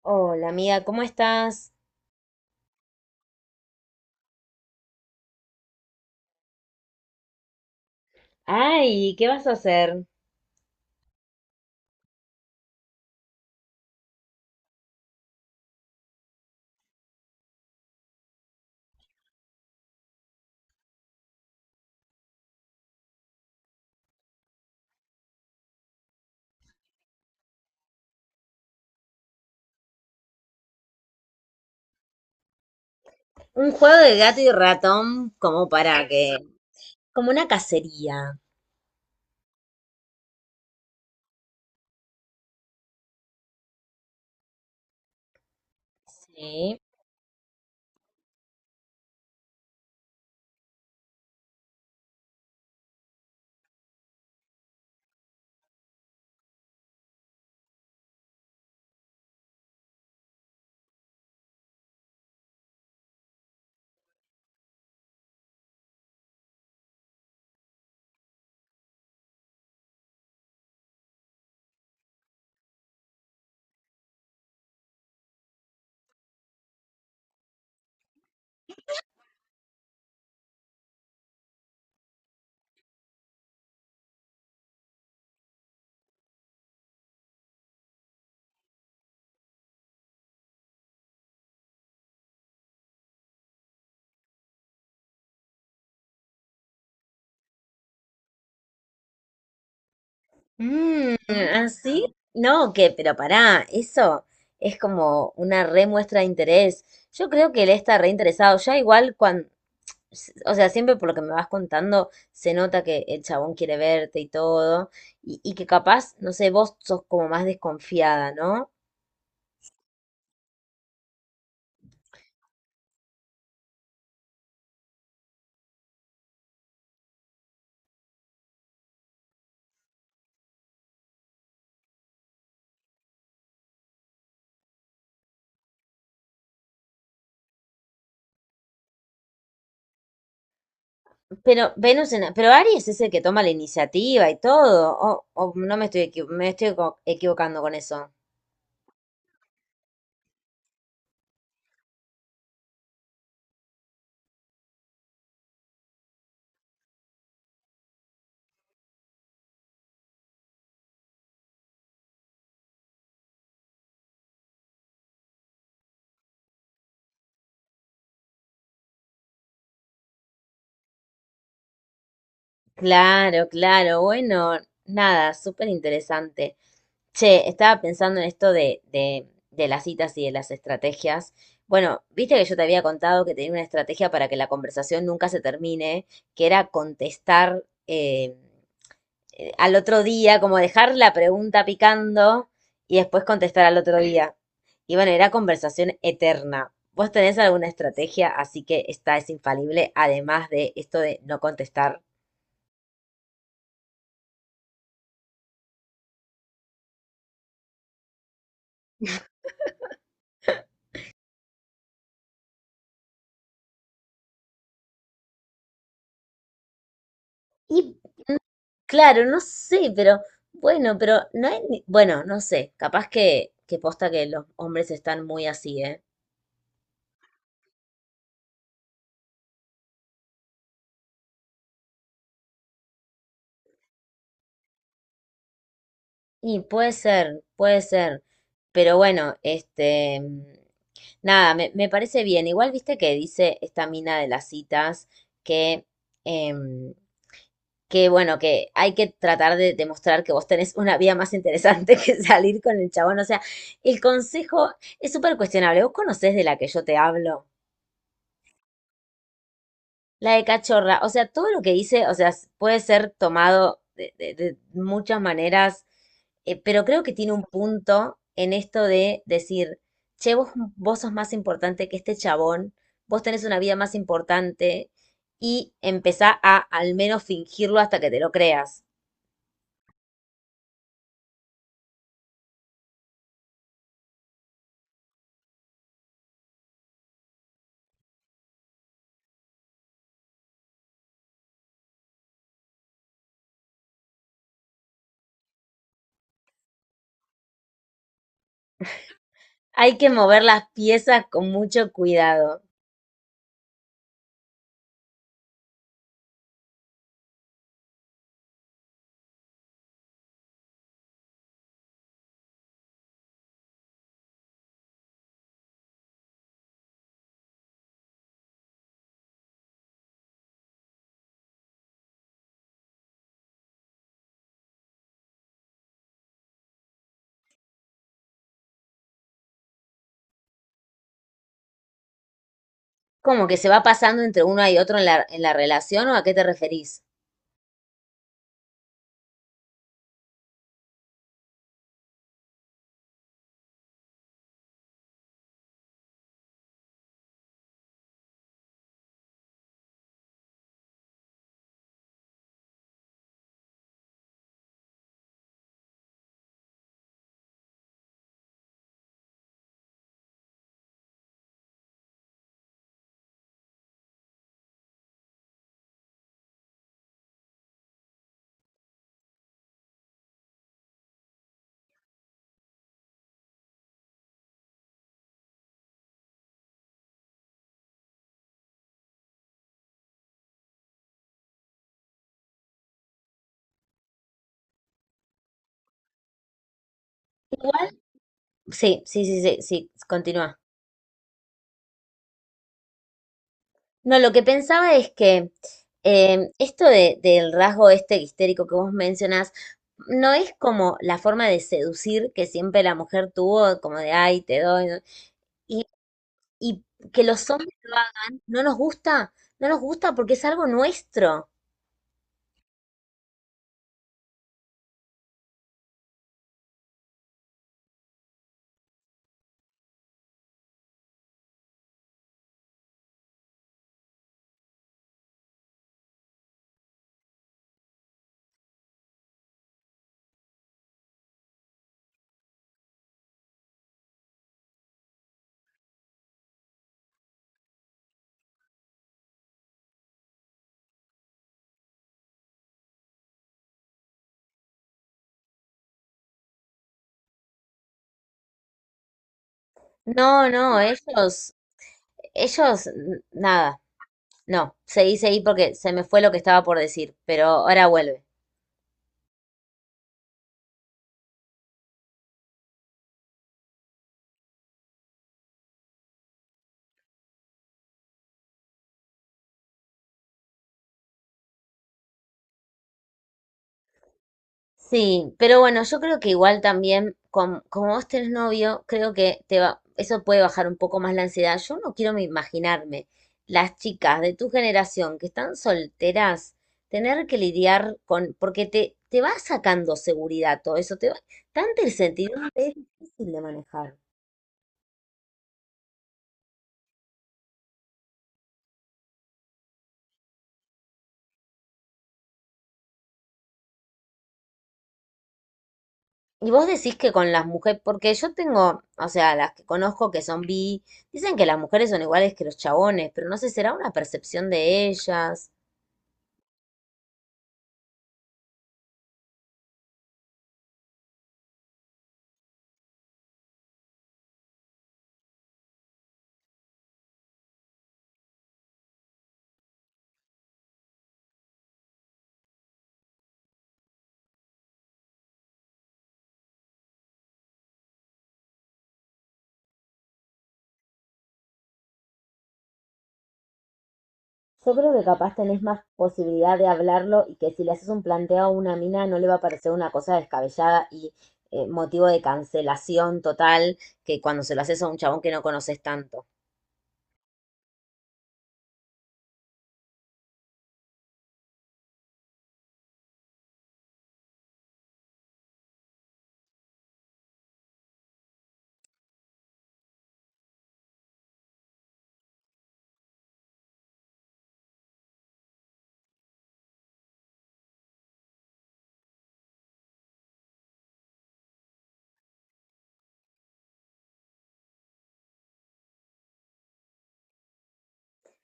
Hola amiga, ¿cómo estás? Ay, ¿qué vas a hacer? Un juego de gato y ratón como para que, como una cacería. Sí. Mm, así, no, ¿qué? Pero pará, eso es como una re muestra de interés. Yo creo que él está re interesado. Ya igual cuando, o sea, siempre por lo que me vas contando, se nota que el chabón quiere verte y todo, y que capaz, no sé, vos sos como más desconfiada, ¿no? Pero Venus en, pero Aries es el que toma la iniciativa y todo. O no me estoy me estoy equivocando con eso. Claro, claro. Bueno, nada, súper interesante. Che, estaba pensando en esto de las citas y de las estrategias. Bueno, viste que yo te había contado que tenía una estrategia para que la conversación nunca se termine, que era contestar, al otro día, como dejar la pregunta picando y después contestar al otro día. Y bueno, era conversación eterna. ¿Vos tenés alguna estrategia? Así que esta es infalible, además de esto de no contestar. Y claro, no sé, pero bueno, pero no hay, bueno, no sé, capaz que posta que los hombres están muy así, ¿eh? Y puede ser, puede ser. Pero bueno, este, nada, me parece bien. Igual viste que dice esta mina de las citas que, em, que bueno, que hay que tratar de demostrar que vos tenés una vida más interesante que salir con el chabón. O sea, el consejo es súper cuestionable. ¿Vos conocés de la que yo te hablo? La de cachorra, o sea, todo lo que dice, o sea, puede ser tomado de, de muchas maneras, pero creo que tiene un punto en esto de decir, che, vos, vos sos más importante que este chabón, vos tenés una vida más importante y empezá a al menos fingirlo hasta que te lo creas. Hay que mover las piezas con mucho cuidado. Como que se va pasando entre uno y otro en la relación, ¿o a qué te referís? Igual. Sí, sí, sí, sí, sí, continúa. No, lo que pensaba es que esto del rasgo este histérico que vos mencionás, no es como la forma de seducir que siempre la mujer tuvo, como de, ay, te doy, ¿no? Y, y que los hombres lo hagan, no nos gusta, no nos gusta porque es algo nuestro. No, no, ellos, nada, no, seguí, seguí porque se me fue lo que estaba por decir, pero ahora vuelve. Sí, pero bueno, yo creo que igual también, como vos tenés novio, creo que te va, eso puede bajar un poco más la ansiedad. Yo no quiero me imaginarme las chicas de tu generación que están solteras, tener que lidiar con, porque te va sacando seguridad todo eso, te va, tanta incertidumbre es difícil de manejar. Y vos decís que con las mujeres, porque yo tengo, o sea, las que conozco que son bi, dicen que las mujeres son iguales que los chabones, pero no sé, será una percepción de ellas. Yo creo que capaz tenés más posibilidad de hablarlo y que si le haces un planteo a una mina no le va a parecer una cosa descabellada y motivo de cancelación total que cuando se lo haces a un chabón que no conoces tanto.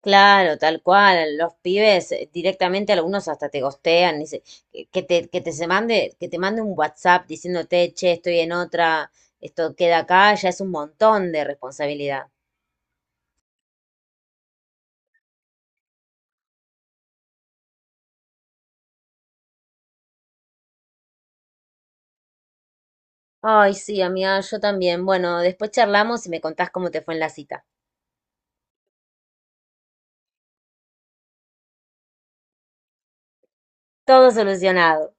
Claro, tal cual. Los pibes directamente algunos hasta te gostean, dice, que te, que te se mande, que te mande un WhatsApp diciéndote, che, estoy en otra, esto queda acá, ya es un montón de responsabilidad. Ay, sí, amiga, yo también. Bueno, después charlamos y me contás cómo te fue en la cita. Todo solucionado.